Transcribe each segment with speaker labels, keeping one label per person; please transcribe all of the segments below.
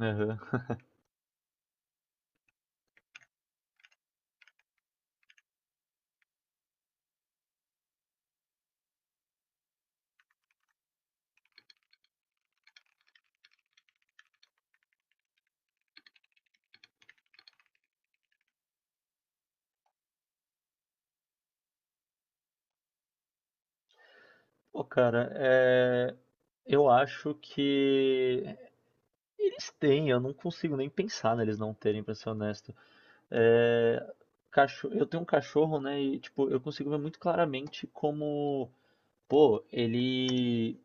Speaker 1: Aham. Pô, cara, eu acho que eles têm, eu não consigo nem pensar neles não terem, pra ser honesto. É... Eu tenho um cachorro, né, e tipo, eu consigo ver muito claramente como, pô, ele...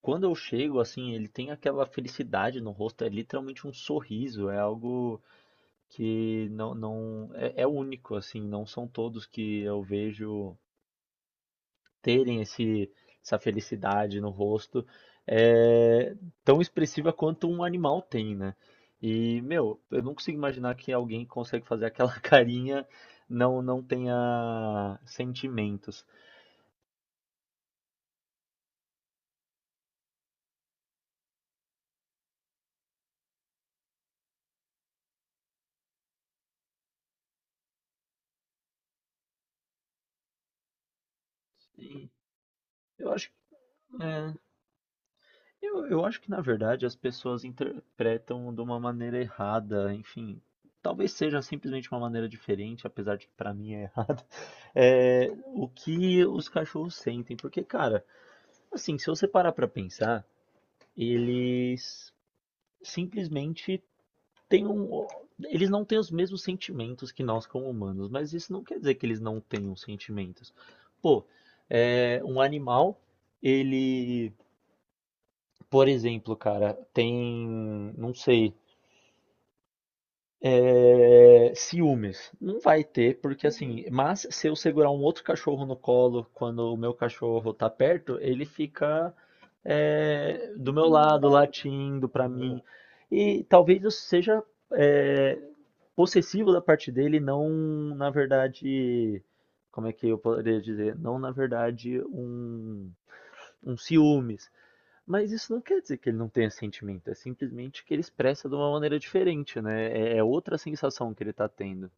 Speaker 1: Quando eu chego, assim, ele tem aquela felicidade no rosto, é literalmente um sorriso, é algo que não, não... É, é único, assim, não são todos que eu vejo terem essa felicidade no rosto é tão expressiva quanto um animal tem, né? E, meu, eu não consigo imaginar que alguém que consegue fazer aquela carinha não tenha sentimentos. E eu acho, é, eu, eu acho que, na verdade, as pessoas interpretam de uma maneira errada, enfim. Talvez seja simplesmente uma maneira diferente, apesar de que pra mim é errada, o que os cachorros sentem. Porque, cara, assim, se você parar pra pensar, eles simplesmente têm um. Eles não têm os mesmos sentimentos que nós como humanos, mas isso não quer dizer que eles não tenham sentimentos. Pô, um animal, ele, por exemplo, cara, tem, não sei, ciúmes. Não vai ter, porque assim, mas se eu segurar um outro cachorro no colo quando o meu cachorro tá perto, ele fica do meu lado, latindo pra mim. E talvez eu seja é, possessivo da parte dele, não, na verdade, como é que eu poderia dizer? Não, na verdade, um ciúmes. Mas isso não quer dizer que ele não tenha sentimento, é simplesmente que ele expressa de uma maneira diferente, né? É outra sensação que ele tá tendo.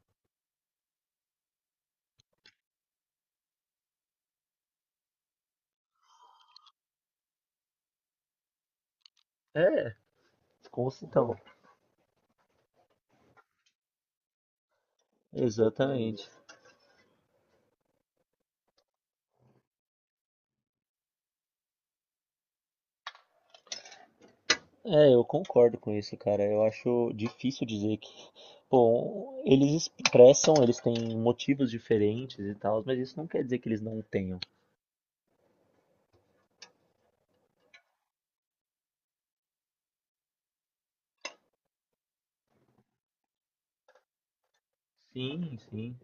Speaker 1: É, com Então, exatamente. Eu concordo com isso, cara. Eu acho difícil dizer que, bom, eles expressam, eles têm motivos diferentes e tal, mas isso não quer dizer que eles não tenham. Sim, sim.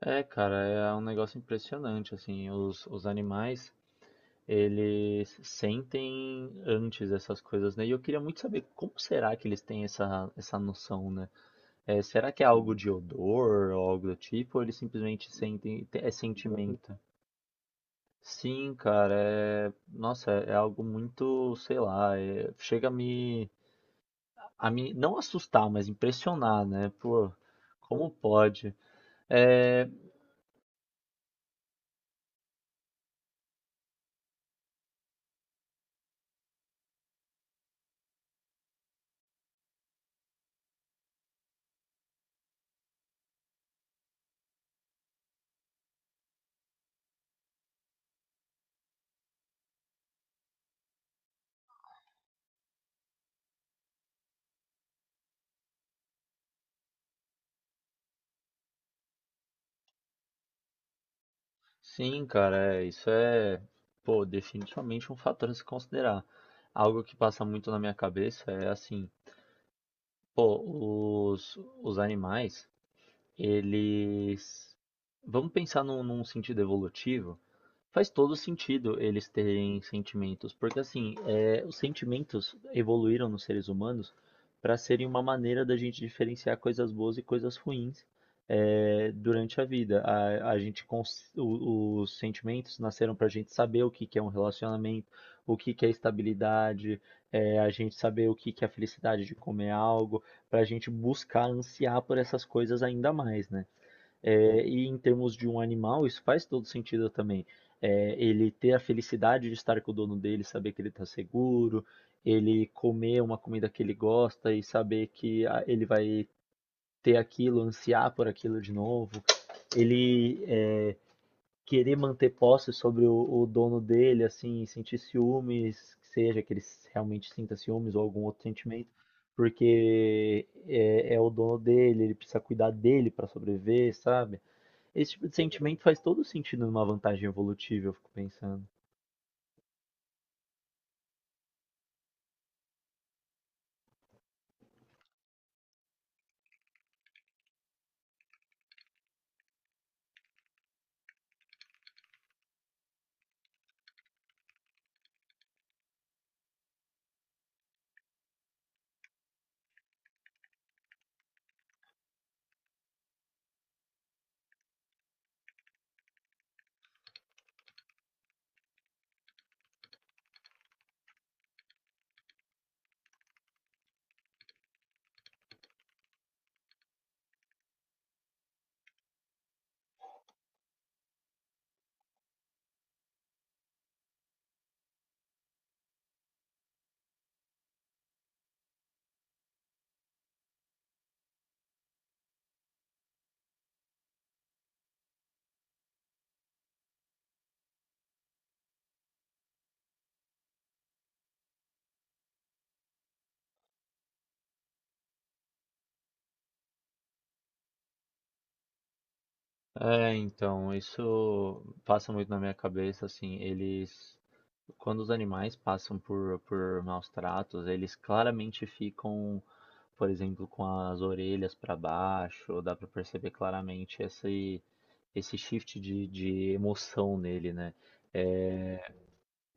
Speaker 1: Cara, é um negócio impressionante, assim, os animais, eles sentem antes essas coisas, né? E eu queria muito saber como será que eles têm essa noção, né? Será que é algo de odor ou algo do tipo, ou eles simplesmente sentem, é sentimento? Sim, cara, nossa, é algo muito, sei lá, chega a me não assustar, mas impressionar, né? Pô, como pode? É, Sim, cara, isso é, pô, definitivamente um fator a se considerar. Algo que passa muito na minha cabeça é assim, pô, os animais, eles. Vamos pensar num sentido evolutivo. Faz todo sentido eles terem sentimentos, porque assim, os sentimentos evoluíram nos seres humanos para serem uma maneira da gente diferenciar coisas boas e coisas ruins durante a vida. A gente cons- o- os sentimentos nasceram para a gente saber o que que é um relacionamento, o que que é estabilidade, a gente saber o que que é a felicidade de comer algo, para a gente buscar ansiar por essas coisas ainda mais, né? E em termos de um animal, isso faz todo sentido também. Ele ter a felicidade de estar com o dono dele, saber que ele está seguro, ele comer uma comida que ele gosta e saber que ah, ele vai ter aquilo, ansiar por aquilo de novo, ele querer manter posse sobre o dono dele, assim, sentir ciúmes, que seja que ele realmente sinta ciúmes ou algum outro sentimento porque é o dono dele, ele precisa cuidar dele para sobreviver, sabe? Esse tipo de sentimento faz todo sentido numa vantagem evolutiva, eu fico pensando. Então, isso passa muito na minha cabeça, assim, eles, quando os animais passam por maus tratos, eles claramente ficam, por exemplo, com as orelhas para baixo, dá pra perceber claramente esse shift de emoção nele, né? É,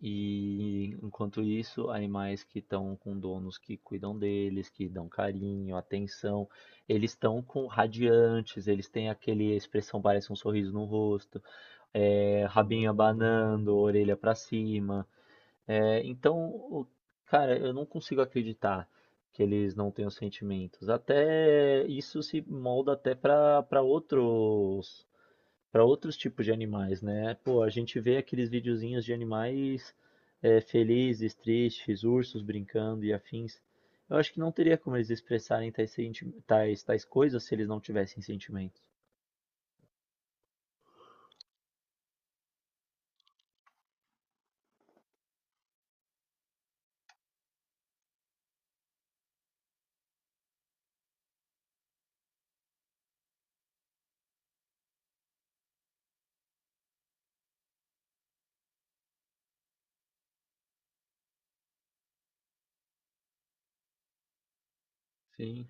Speaker 1: E enquanto isso, animais que estão com donos que cuidam deles, que dão carinho, atenção, eles estão com radiantes, eles têm aquele a expressão, parece um sorriso no rosto, rabinho abanando, orelha para cima. Então, cara, eu não consigo acreditar que eles não tenham sentimentos. Até isso se molda até para outros tipos de animais, né? Pô, a gente vê aqueles videozinhos de animais felizes, tristes, ursos brincando e afins. Eu acho que não teria como eles expressarem tais coisas se eles não tivessem sentimentos. Sim,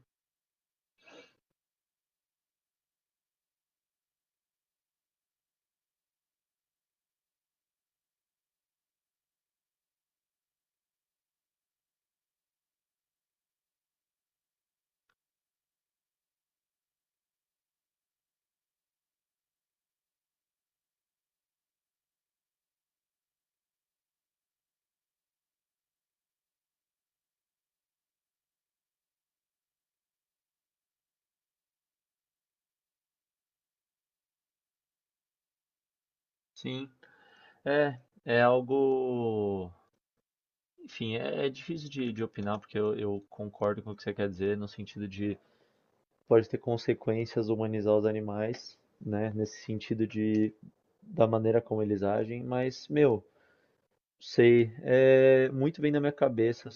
Speaker 1: sim. É, é algo. Enfim, é difícil de opinar, porque eu concordo com o que você quer dizer, no sentido de pode ter consequências humanizar os animais, né? Nesse sentido de da maneira como eles agem, mas, meu, sei, é muito bem na minha cabeça.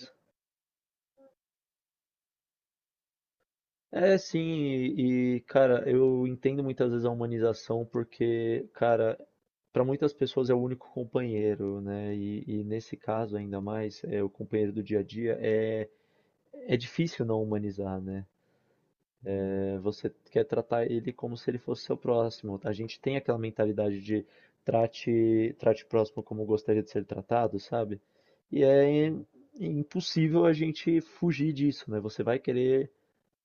Speaker 1: Sim, e, cara, eu entendo muitas vezes a humanização porque, cara, para muitas pessoas é o único companheiro, né? E nesse caso ainda mais, é o companheiro do dia a dia, é difícil não humanizar, né? Você quer tratar ele como se ele fosse seu próximo. A gente tem aquela mentalidade de trate o próximo como gostaria de ser tratado, sabe? E é impossível a gente fugir disso, né? Você vai querer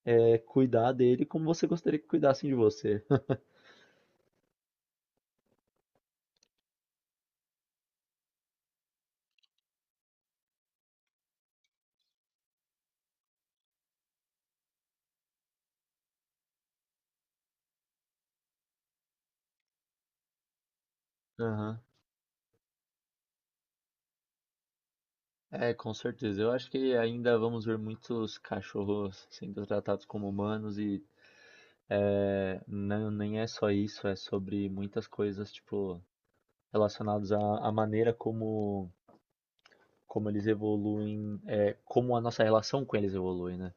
Speaker 1: cuidar dele como você gostaria que cuidassem de você. Aham. É, com certeza. Eu acho que ainda vamos ver muitos cachorros sendo tratados como humanos e não, nem é só isso, é sobre muitas coisas, tipo, relacionadas à maneira como eles evoluem, como a nossa relação com eles evolui, né?